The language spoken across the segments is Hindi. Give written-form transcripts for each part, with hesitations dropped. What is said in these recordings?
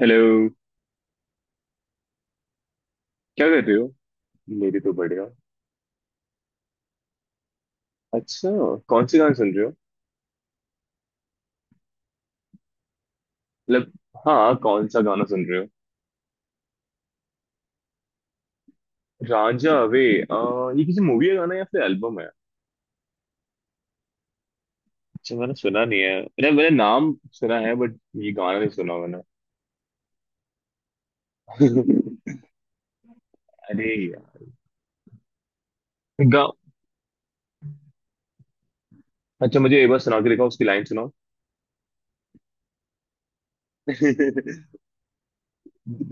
हेलो। क्या कर रहे हो? मेरी तो बढ़िया। अच्छा, कौन सी गाना सुन रहे हो? मतलब, हाँ कौन सा गाना सुन रहे हो? रांझा अवे। ये किसी मूवी का गाना है या फिर एल्बम है? अच्छा, मैंने सुना नहीं है। मैंने मैंने नाम सुना है बट ये गाना नहीं सुना मैंने। अरे यार। गा। अच्छा, मुझे एक बार सुना के देखो, उसकी लाइन सुनाओ।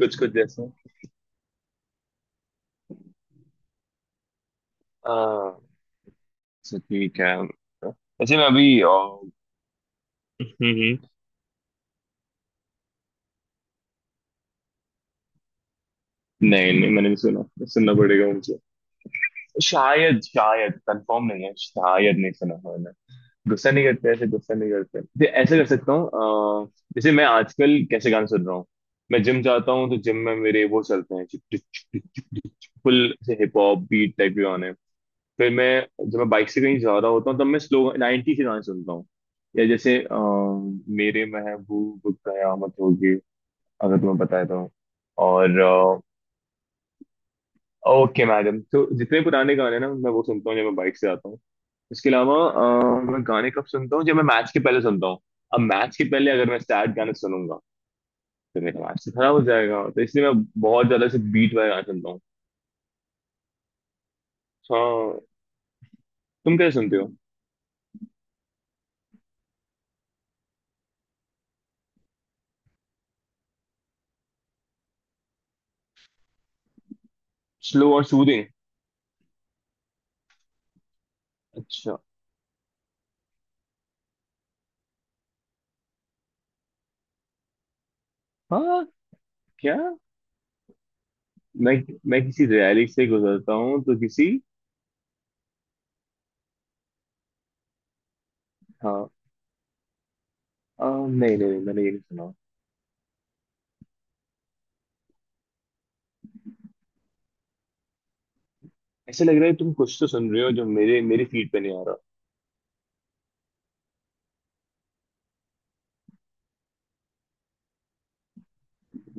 कुछ कुछ जैसा। आ, अच्छा, ठीक है। वैसे मैं अभी हम्म। नहीं नहीं, मैंने नहीं सुना। सुनना पड़ेगा मुझे। शायद शायद कंफर्म नहीं है, शायद नहीं सुना है मैंने। गुस्सा नहीं करते, ऐसे गुस्सा नहीं करते तो ऐसे कर सकता हूँ। जैसे मैं आजकल कैसे गाने सुन रहा हूँ। मैं जिम जाता हूँ तो जिम में मेरे वो चलते हैं, फुल से हिप हॉप बीट टाइप के गाने। फिर मैं जब मैं बाइक से कहीं जा रहा होता हूँ तब मैं स्लो 90 के गाने सुनता हूँ। या जैसे मेरे महबूब कयामत होगी अगर तुम्हें बताया तो। और ओके मैडम, तो जितने पुराने गाने ना मैं वो सुनता हूँ जब मैं बाइक से आता हूँ। इसके अलावा मैं गाने कब सुनता हूँ? जब मैं मैच के पहले सुनता हूँ। अब मैच के पहले अगर मैं सैड गाने सुनूंगा तो मेरा मैच तो खराब हो जाएगा, तो इसलिए मैं बहुत ज्यादा से बीट वाले गाने सुनता हूँ। हाँ। तुम कैसे सुनते हो? स्लो और सूदिंग। अच्छा। हाँ, क्या? मैं मैं किसी रैली से गुजरता हूँ तो किसी। हाँ। नहीं नहीं नहीं, मैंने ये नहीं सुना। ऐसे लग रहा है तुम कुछ तो सुन रहे हो जो मेरे मेरी फीड पे नहीं आ रहा।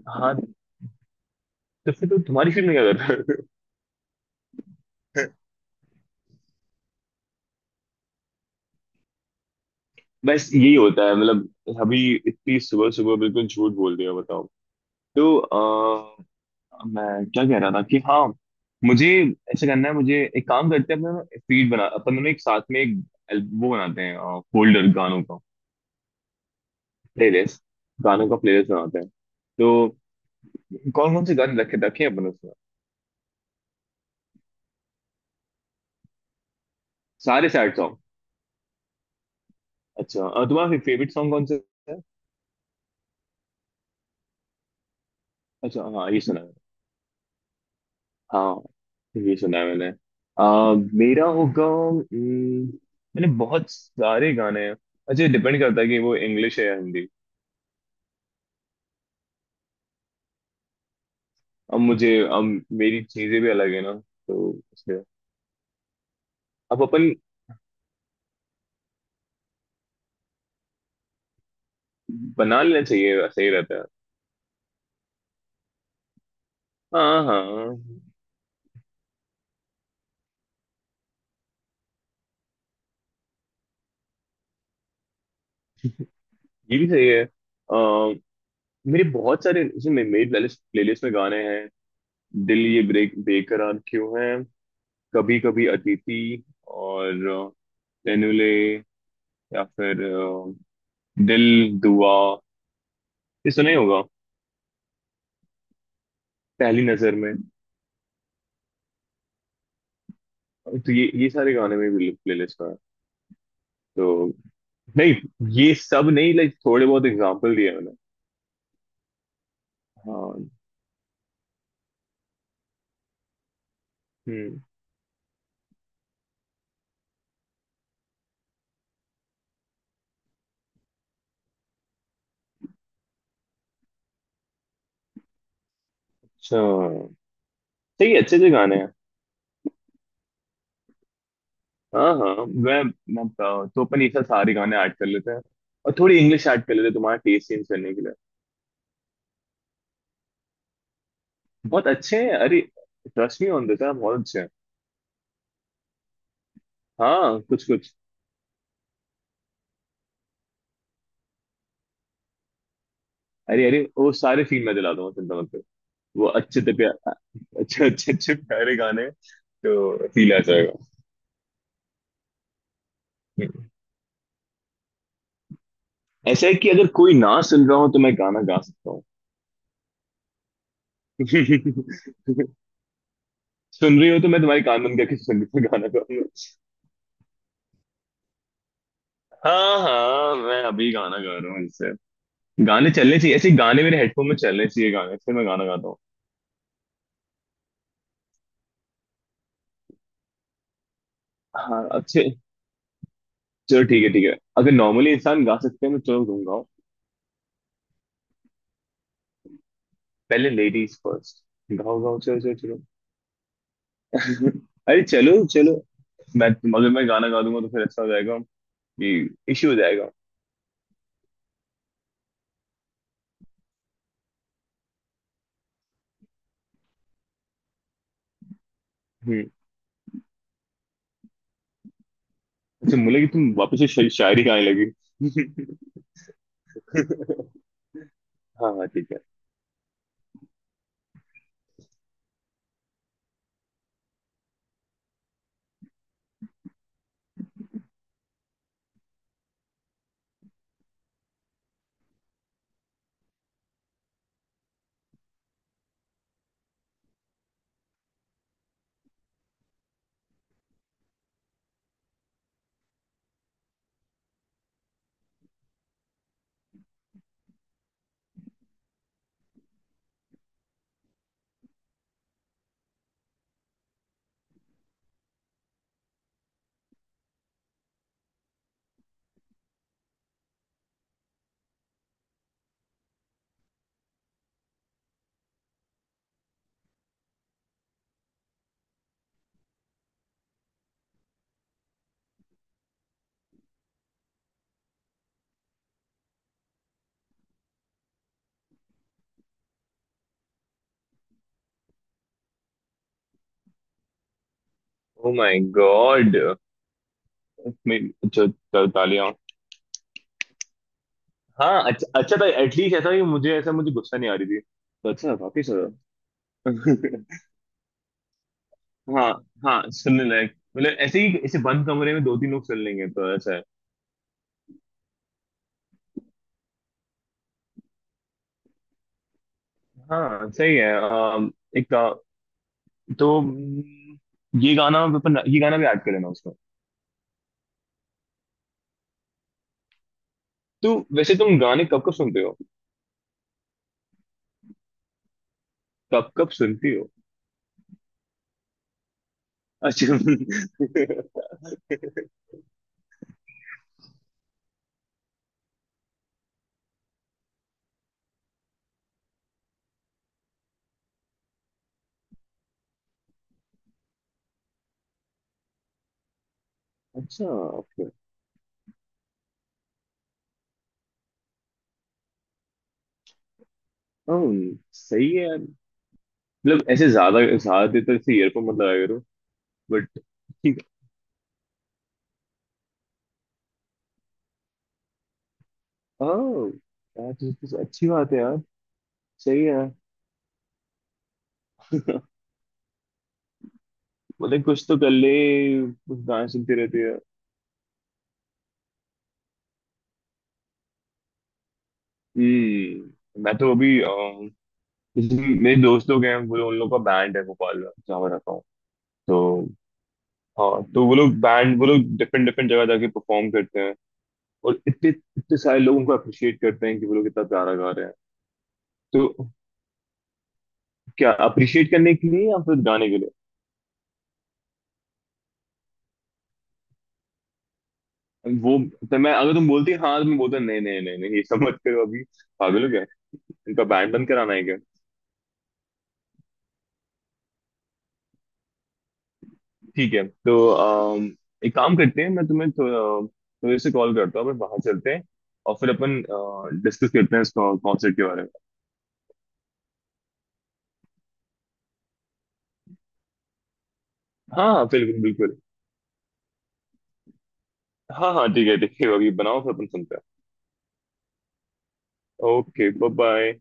हाँ, तो फिर तो तुम्हारी फीड में क्या कर रहा है? बस यही होता है मतलब। अभी इतनी सुबह सुबह बिल्कुल झूठ बोल दिया बताओ। तो मैं क्या कह रहा था कि हाँ मुझे ऐसा करना है। मुझे एक काम करते हैं, अपना फीड बना, अपन दोनों एक साथ में एक वो बनाते हैं, फोल्डर गानों का, प्लेलिस्ट, गानों का प्लेलिस्ट बनाते हैं। तो कौन कौन से गाने रखे रखे हैं अपन उसमें? सारे सैड सॉन्ग। अच्छा, तुम्हारा फेवरेट सॉन्ग कौन सा है? अच्छा हाँ, ये सुना। हाँ ये सुना है मैंने। आ, मेरा होगा मैंने बहुत सारे गाने हैं। अच्छा, डिपेंड करता है कि वो इंग्लिश है या हिंदी। अब मेरी चीजें भी अलग है ना, तो इसलिए अब अपन बना लेना चाहिए, सही रहता है। हाँ हाँ, ये भी सही है। मेरे बहुत सारे जैसे मेरी प्लेलिस्ट प्लेलिस्ट में गाने हैं। दिल ये ब्रेक बेकरार क्यों है, कभी कभी अतिथि, और तेनुले, या फिर दिल दुआ, ये सुना ही होगा, पहली नजर में। तो ये सारे गाने में भी प्लेलिस्ट में है। तो नहीं, ये सब नहीं, लाइक थोड़े बहुत एग्जांपल दिए मैंने। हाँ। हम्म। अच्छा, सही है, अच्छे अच्छे गाने हैं। हाँ हाँ, मैं बताओ, तो अपन ये सब सारे गाने ऐड कर लेते हैं और थोड़ी इंग्लिश ऐड कर लेते हैं, तुम्हारा टेस्ट चेंज करने के लिए। बहुत अच्छे हैं अरे, ट्रस्ट मी ऑन दिस, बहुत अच्छे हैं। हाँ कुछ कुछ। अरे अरे, वो सारे सीन मैं दिला दूंगा, चिंता मत। वो अच्छे से प्या, अच्छे अच्छे अच्छे प्यारे गाने, तो फील आ जाएगा। ऐसा है कि अगर कोई ना सुन रहा हो तो मैं गाना गा सकता हूँ। सुन रही हो तो मैं तुम्हारी कान बंद करके सुन रही हूँ गाना गाऊंगा। हाँ हाँ, मैं अभी गाना गा रहा हूँ इससे। गाने चलने चाहिए, ऐसे गाने मेरे हेडफोन में चलने चाहिए गाने, फिर मैं गाना गाता हूँ। हाँ अच्छे। चलो ठीक है ठीक है, अगर नॉर्मली इंसान गा सकते हैं तो चलो तुम गाओ। पहले लेडीज फर्स्ट। गाओ गाओ, चलो चलो, चलो। अरे चलो चलो। मैं अगर मैं गाना गा दूंगा तो फिर ऐसा हो जाएगा कि इश्यू हो जाएगा। हम्म। अच्छा बोले कि तुम वापस से शायरी गाने लगी। हाँ हाँ ठीक है। Oh my God. मैं, अच्छा तालियां। हाँ अच्छा, अच्छा था एटलीस्ट, ऐसा कि मुझे ऐसा मुझे गुस्सा नहीं आ रही थी तो अच्छा वापिस। हाँ हाँ, सुनने लायक मतलब ऐसे ही ऐसे बंद कमरे में दो तीन लोग सुन लेंगे तो ऐसा है। हाँ सही है। एक का, तो ये गाना अपन, ये गाना भी ऐड कर लेना। तो वैसे तुम गाने कब कब सुनते हो? कब कब सुनती हो? अच्छा। अच्छा, ओके। सही है यार। मतलब ऐसे ज्यादा ज्यादा देर तक ऐसे ईयरफोन मत लगाया करो। बट ठीक है। ओह यार, तो अच्छी बात है यार। सही है। बोले कुछ तो कर ले, कुछ गाने सुनते रहते हैं। मैं तो अभी जैसे मेरे दोस्त लोग हैं, उन लोग का बैंड है भोपाल में जहाँ मैं रहता हूँ। तो हाँ, तो वो लोग बैंड, वो लोग डिफरेंट डिफरेंट जगह जाके परफॉर्म करते हैं। और इतने इतने सारे लोग उनको अप्रिशिएट करते हैं कि वो लोग इतना प्यारा गा रहे हैं। तो क्या अप्रिशिएट करने के लिए या फिर गाने के लिए? वो तो मैं अगर तुम बोलती हाँ तो मैं बोलता नहीं नहीं नहीं नहीं ये सब मत करो अभी, पागल हो गया, इनका बैंड बंद कराना है क्या? ठीक है, तो एक काम करते हैं, मैं तुम्हें थोड़े से कॉल करता हूँ, अपन बाहर चलते हैं और फिर अपन डिस्कस करते हैं इस कॉन्सर्ट के बारे में। हाँ हाँ बिल्कुल बिल्कुल। हाँ हाँ ठीक है ठीक है, अभी बनाओ फिर अपन सुनते हैं। Okay bye bye.